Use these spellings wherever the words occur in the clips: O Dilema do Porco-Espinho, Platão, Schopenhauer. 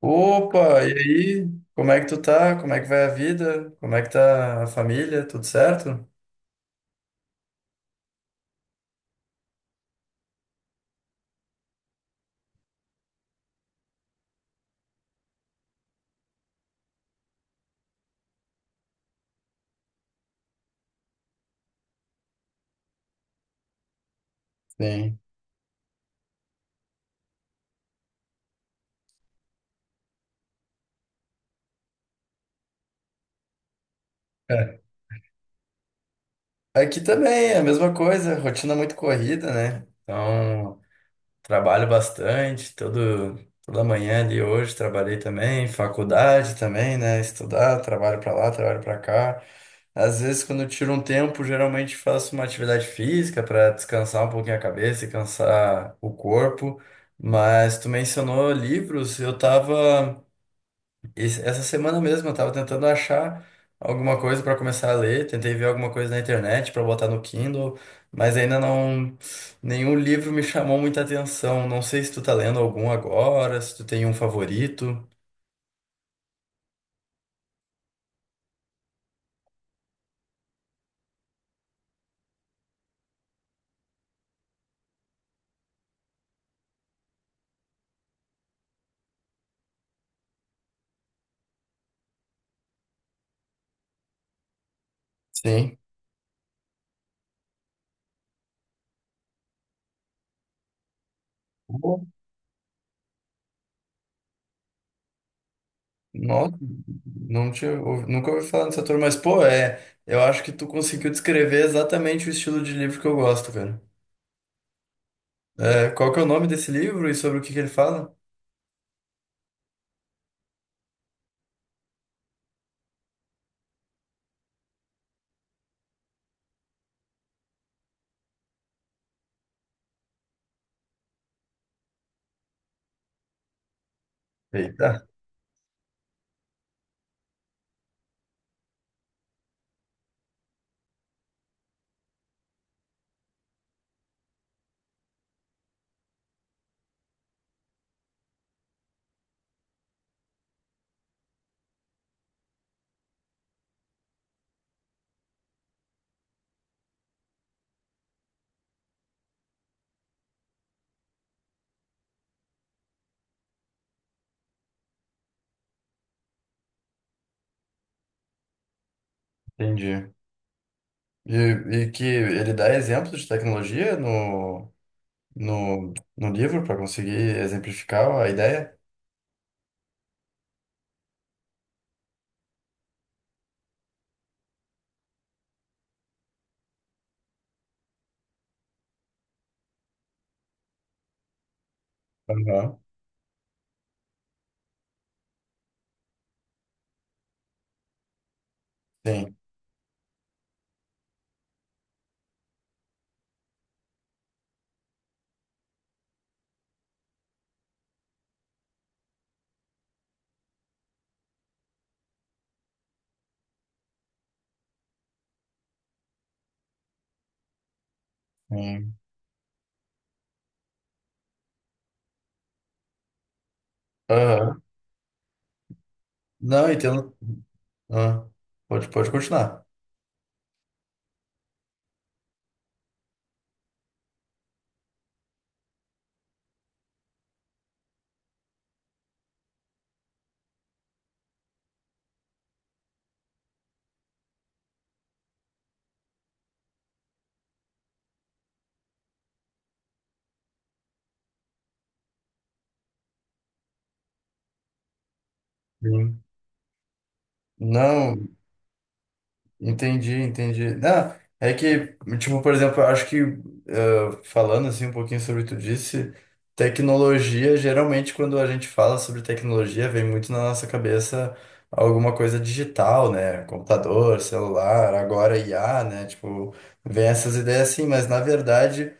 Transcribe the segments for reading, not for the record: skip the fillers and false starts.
Opa, e aí? Como é que tu tá? Como é que vai a vida? Como é que tá a família? Tudo certo? Sim. É. Aqui também é a mesma coisa, rotina muito corrida, né? Trabalho bastante, toda manhã ali hoje trabalhei também, faculdade também, né? Estudar, trabalho pra lá, trabalho pra cá. Às vezes, quando eu tiro um tempo, geralmente faço uma atividade física pra descansar um pouquinho a cabeça e cansar o corpo. Mas tu mencionou livros, eu tava. Essa semana mesmo eu tava tentando achar alguma coisa pra começar a ler, tentei ver alguma coisa na internet pra botar no Kindle, mas ainda não nenhum livro me chamou muita atenção. Não sei se tu tá lendo algum agora, se tu tem um favorito. Sim. Pô, nossa, nunca ouvi falar dessa turma, mas pô, é, eu acho que tu conseguiu descrever exatamente o estilo de livro que eu gosto, cara. É, qual que é o nome desse livro e sobre o que que ele fala? Eita, entendi. E, que ele dá exemplos de tecnologia no livro para conseguir exemplificar a ideia? Aham. Sim, sim. Aham. Não, entendo. Ah, pode continuar. Sim. Não, entendi, entendi. Não, é que, tipo, por exemplo, eu acho que, eh, falando assim um pouquinho sobre o que tu disse, tecnologia, geralmente quando a gente fala sobre tecnologia, vem muito na nossa cabeça alguma coisa digital, né? Computador, celular, agora IA, né? Tipo, vem essas ideias assim, mas na verdade,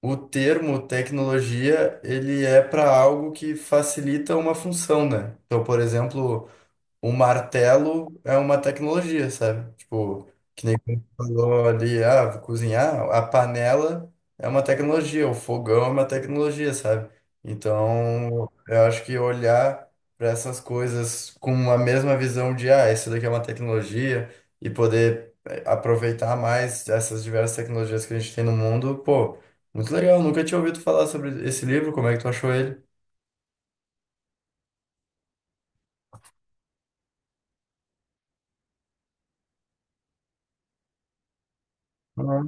o termo tecnologia, ele é para algo que facilita uma função, né? Então, por exemplo, um martelo é uma tecnologia, sabe? Tipo, que nem quando você falou ali, ah, vou cozinhar, a panela é uma tecnologia, o fogão é uma tecnologia, sabe? Então, eu acho que olhar para essas coisas com a mesma visão de, ah, isso daqui é uma tecnologia e poder aproveitar mais essas diversas tecnologias que a gente tem no mundo, pô, muito legal. Nunca tinha ouvido falar sobre esse livro, como é que tu achou ele? Ah,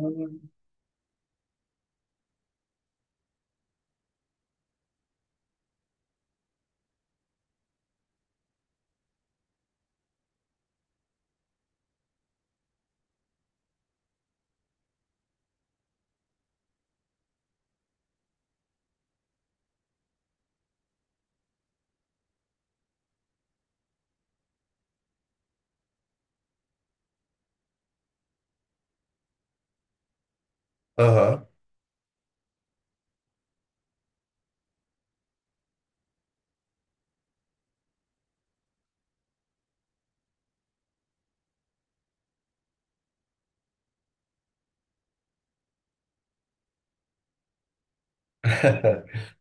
aham.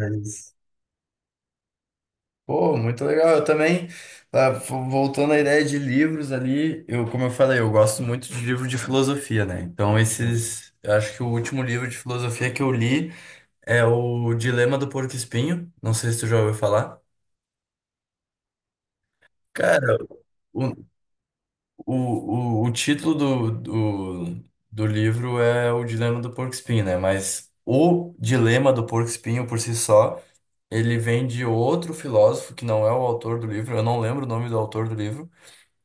É isso. Pô, muito legal. Eu também, ah, voltando à ideia de livros ali, eu, como eu falei, eu gosto muito de livro de filosofia, né? Então, uhum, esses, eu acho que o último livro de filosofia que eu li é o Dilema do Porco-Espinho. Não sei se tu já ouviu falar. Cara, o, o, o título do livro é O Dilema do Porco-Espinho, né? Mas o Dilema do Porco-Espinho por si só, ele vem de outro filósofo que não é o autor do livro. Eu não lembro o nome do autor do livro.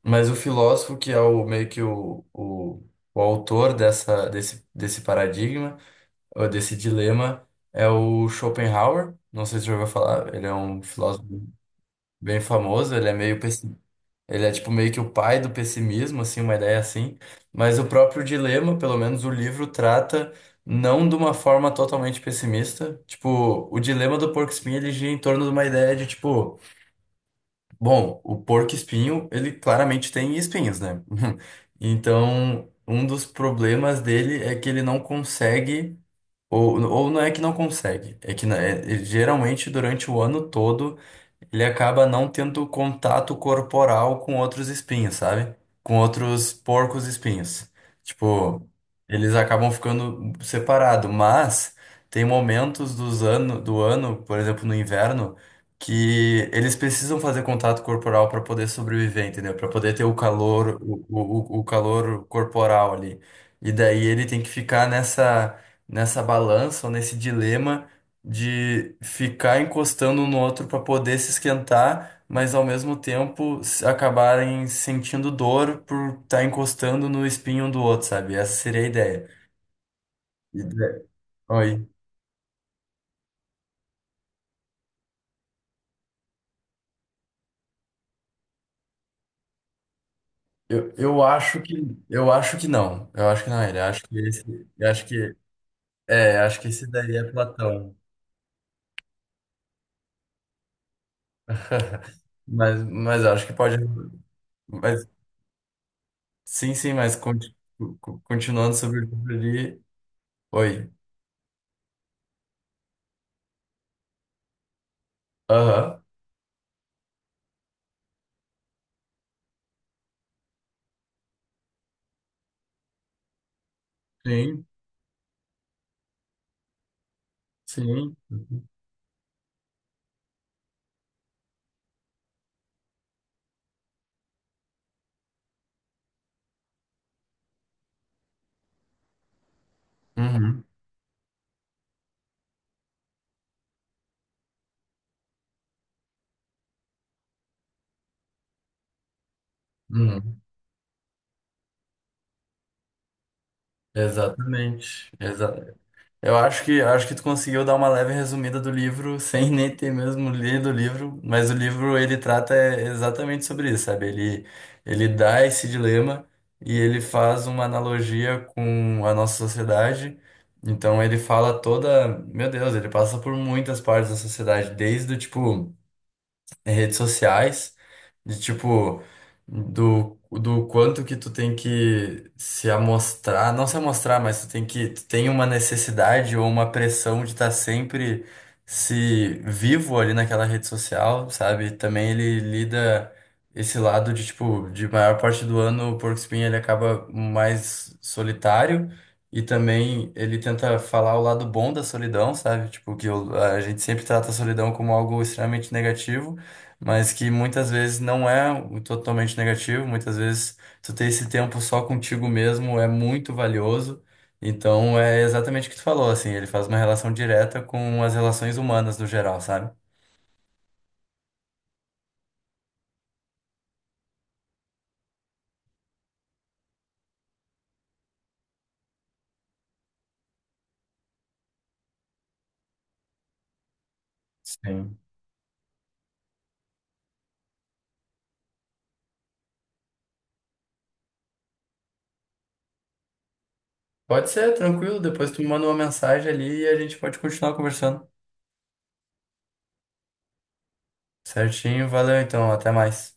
Mas o filósofo, que é o meio que o autor desse paradigma, ou desse dilema, é o Schopenhauer. Não sei se você já ouviu falar, ele é um filósofo bem famoso, ele é ele é tipo meio que o pai do pessimismo, assim, uma ideia assim. Mas o próprio dilema, pelo menos o livro, trata não de uma forma totalmente pessimista. Tipo, o dilema do porco-espinho, ele gira em torno de uma ideia de, tipo, bom, o porco-espinho, ele claramente tem espinhos, né? Então, um dos problemas dele é que ele não consegue, ou não é que não consegue, é que, né, ele geralmente durante o ano todo ele acaba não tendo contato corporal com outros espinhos, sabe? Com outros porcos espinhos. Tipo, eles acabam ficando separados, mas tem momentos do ano, por exemplo, no inverno, que eles precisam fazer contato corporal para poder sobreviver, entendeu? Para poder ter o calor, o calor corporal ali. E daí ele tem que ficar nessa balança ou nesse dilema de ficar encostando um no outro para poder se esquentar, mas ao mesmo tempo acabarem sentindo dor por estar encostando no espinho um do outro, sabe? Essa seria a ideia. E da- Oi. Eu acho que eu acho que não. Eu acho que não é ele. Eu acho que esse daí é Platão. Mas eu acho que pode, mas sim, sim, mas continuando sobre o livro ali. Oi. Aham. Sim, sim. Uhum, uhum. Exatamente. Exa. Eu acho que tu conseguiu dar uma leve resumida do livro sem nem ter mesmo lido o livro, mas o livro ele trata é, exatamente sobre isso, sabe? Ele dá esse dilema e ele faz uma analogia com a nossa sociedade. Então ele fala toda, meu Deus, ele passa por muitas partes da sociedade, desde o tipo em redes sociais, de tipo, do quanto que tu tem que se amostrar, não se amostrar, mas tu tem que, tu tem uma necessidade ou uma pressão de estar sempre se vivo ali naquela rede social, sabe? Também ele lida esse lado de, tipo, de maior parte do ano o Porco Espinho ele acaba mais solitário. E também ele tenta falar o lado bom da solidão, sabe? Tipo, a gente sempre trata a solidão como algo extremamente negativo, mas que muitas vezes não é o totalmente negativo, muitas vezes tu ter esse tempo só contigo mesmo é muito valioso. Então é exatamente o que tu falou, assim, ele faz uma relação direta com as relações humanas no geral, sabe? Sim. Pode ser, tranquilo, depois tu me manda uma mensagem ali e a gente pode continuar conversando. Certinho, valeu então, até mais.